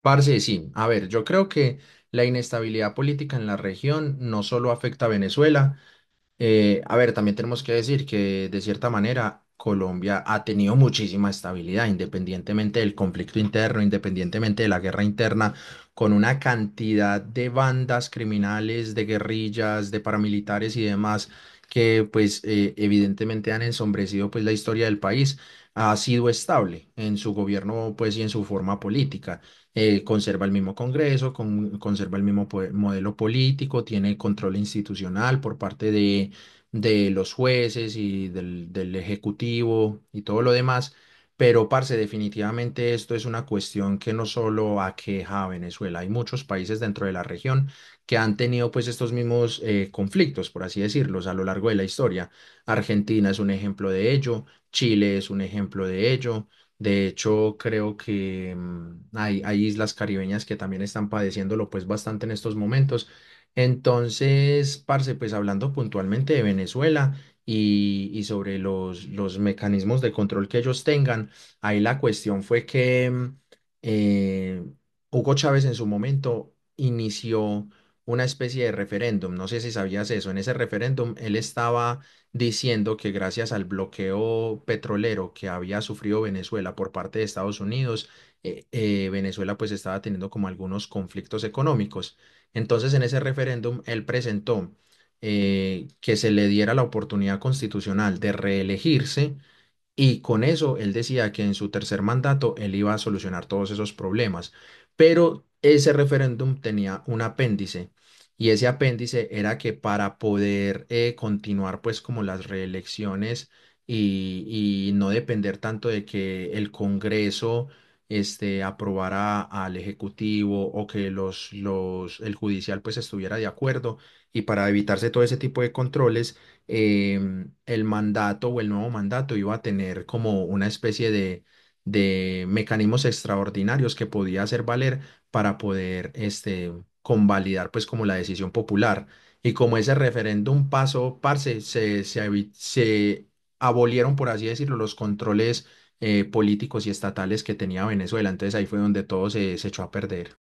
Parce, sí. A ver, yo creo que la inestabilidad política en la región no solo afecta a Venezuela, a ver, también tenemos que decir que de cierta manera Colombia ha tenido muchísima estabilidad, independientemente del conflicto interno, independientemente de la guerra interna, con una cantidad de bandas criminales, de guerrillas, de paramilitares y demás que pues evidentemente han ensombrecido pues la historia del país. Ha sido estable en su gobierno pues y en su forma política. Conserva el mismo Congreso, conserva el mismo modelo político, tiene control institucional por parte de los jueces y del ejecutivo y todo lo demás. Pero, parce, definitivamente esto es una cuestión que no solo aqueja a Venezuela, hay muchos países dentro de la región que han tenido pues estos mismos conflictos, por así decirlos, a lo largo de la historia. Argentina es un ejemplo de ello, Chile es un ejemplo de ello. De hecho, creo que hay islas caribeñas que también están padeciéndolo pues bastante en estos momentos. Entonces, parce, pues hablando puntualmente de Venezuela y sobre los mecanismos de control que ellos tengan, ahí la cuestión fue que eh, Hugo Chávez en su momento inició una especie de referéndum. No sé si sabías eso. En ese referéndum él estaba diciendo que gracias al bloqueo petrolero que había sufrido Venezuela por parte de Estados Unidos, Venezuela pues estaba teniendo como algunos conflictos económicos. Entonces, en ese referéndum, él presentó que se le diera la oportunidad constitucional de reelegirse y con eso él decía que en su tercer mandato él iba a solucionar todos esos problemas, pero ese referéndum tenía un apéndice y ese apéndice era que para poder continuar pues como las reelecciones y no depender tanto de que el Congreso este, aprobara al Ejecutivo o que el judicial pues estuviera de acuerdo y para evitarse todo ese tipo de controles eh, el mandato o el nuevo mandato iba a tener como una especie de mecanismos extraordinarios que podía hacer valer para poder este, convalidar pues como la decisión popular. Y como ese referéndum pasó, parce, se abolieron, por así decirlo, los controles políticos y estatales que tenía Venezuela. Entonces ahí fue donde todo se echó a perder.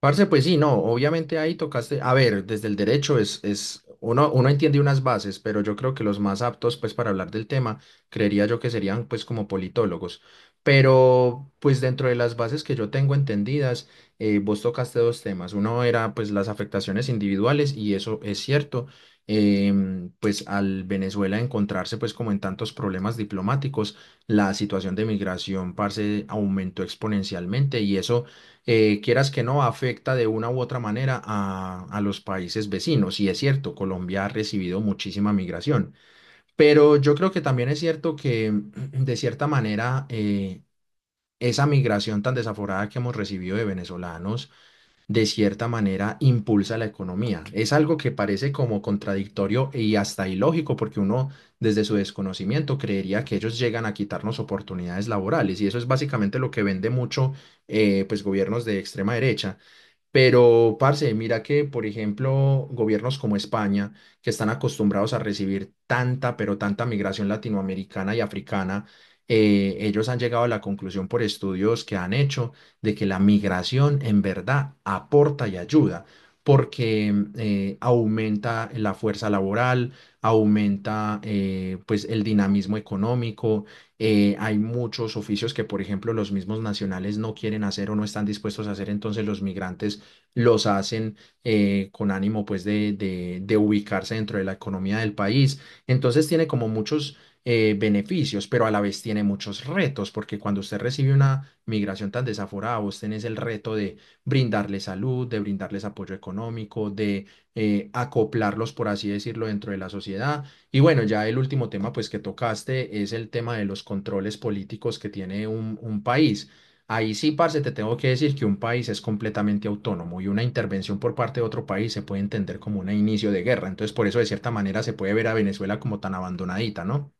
Parce, pues sí, no, obviamente ahí tocaste, a ver, desde el derecho uno entiende unas bases, pero yo creo que los más aptos, pues, para hablar del tema, creería yo que serían, pues, como politólogos. Pero, pues, dentro de las bases que yo tengo entendidas, vos tocaste dos temas. Uno era, pues, las afectaciones individuales, y eso es cierto, pues, al Venezuela encontrarse, pues, como en tantos problemas diplomáticos, la situación de migración, parce, aumentó exponencialmente, y eso quieras que no, afecta de una u otra manera a los países vecinos. Y es cierto, Colombia ha recibido muchísima migración, pero yo creo que también es cierto que de cierta manera esa migración tan desaforada que hemos recibido de venezolanos, de cierta manera impulsa la economía. Es algo que parece como contradictorio y hasta ilógico, porque uno desde su desconocimiento creería que ellos llegan a quitarnos oportunidades laborales y eso es básicamente lo que vende mucho pues gobiernos de extrema derecha pero, parce, mira que, por ejemplo, gobiernos como España, que están acostumbrados a recibir tanta, pero tanta migración latinoamericana y africana, ellos han llegado a la conclusión por estudios que han hecho de que la migración en verdad aporta y ayuda, porque aumenta la fuerza laboral, aumenta pues el dinamismo económico, hay muchos oficios que, por ejemplo, los mismos nacionales no quieren hacer o no están dispuestos a hacer, entonces los migrantes los hacen con ánimo pues de ubicarse dentro de la economía del país. Entonces tiene como muchos beneficios, pero a la vez tiene muchos retos, porque cuando usted recibe una migración tan desaforada, vos tenés el reto de brindarles salud, de brindarles apoyo económico, de acoplarlos, por así decirlo, dentro de la sociedad. Y bueno, ya el último tema pues que tocaste es el tema de los controles políticos que tiene un país. Ahí sí, parce, te tengo que decir que un país es completamente autónomo y una intervención por parte de otro país se puede entender como un inicio de guerra. Entonces, por eso, de cierta manera, se puede ver a Venezuela como tan abandonadita, ¿no?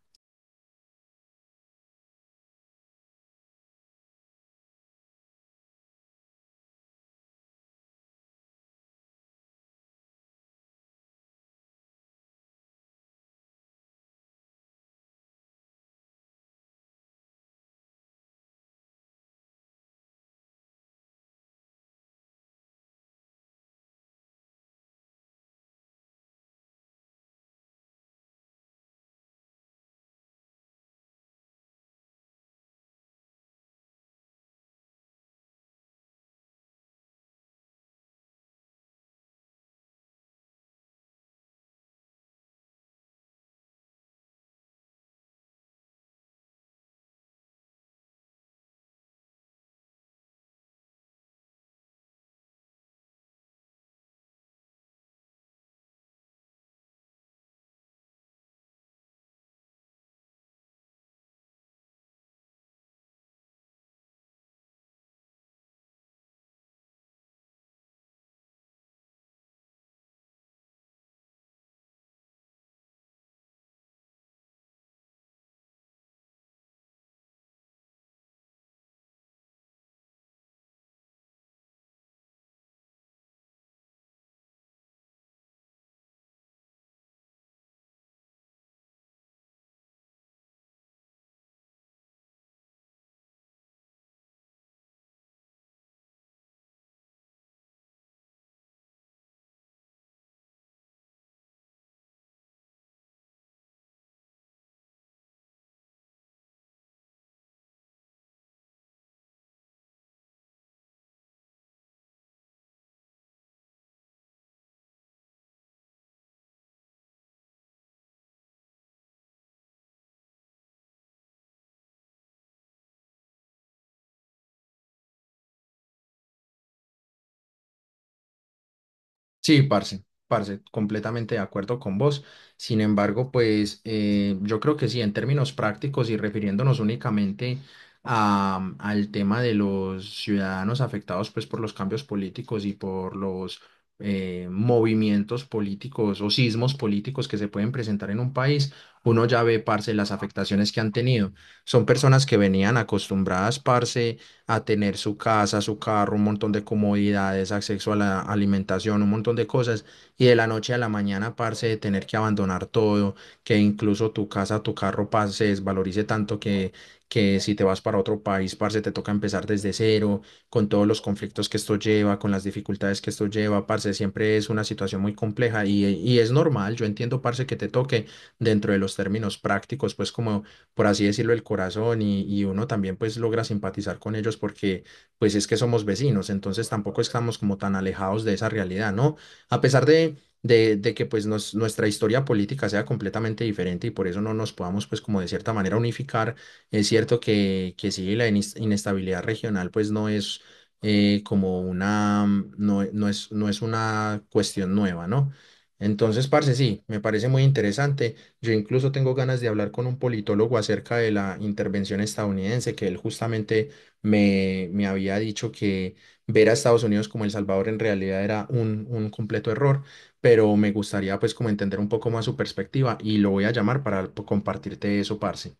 Sí, parce, parce, completamente de acuerdo con vos. Sin embargo, pues yo creo que sí, en términos prácticos y refiriéndonos únicamente al tema de los ciudadanos afectados pues por los cambios políticos y por los movimientos políticos o sismos políticos que se pueden presentar en un país, uno ya ve, parce, las afectaciones que han tenido. Son personas que venían acostumbradas, parce, a tener su casa, su carro, un montón de comodidades, acceso a la alimentación, un montón de cosas. Y de la noche a la mañana, parce, de tener que abandonar todo, que incluso tu casa, tu carro, parce, se desvalorice tanto que si te vas para otro país, parce, te toca empezar desde cero, con todos los conflictos que esto lleva, con las dificultades que esto lleva, parce, siempre es una situación muy compleja y es normal, yo entiendo, parce, que te toque dentro de los términos prácticos, pues como por así decirlo, el corazón y uno también pues logra simpatizar con ellos porque pues es que somos vecinos, entonces tampoco estamos como tan alejados de esa realidad, ¿no? A pesar de que pues nuestra historia política sea completamente diferente y por eso no nos podamos pues como de cierta manera unificar, es cierto que sí, la inestabilidad regional pues no es como una, no es una cuestión nueva, ¿no? Entonces, parce, sí, me parece muy interesante. Yo incluso tengo ganas de hablar con un politólogo acerca de la intervención estadounidense, que él justamente me había dicho que ver a Estados Unidos como El Salvador en realidad era un completo error, pero me gustaría pues como entender un poco más su perspectiva y lo voy a llamar para compartirte eso, parce.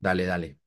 Dale, dale.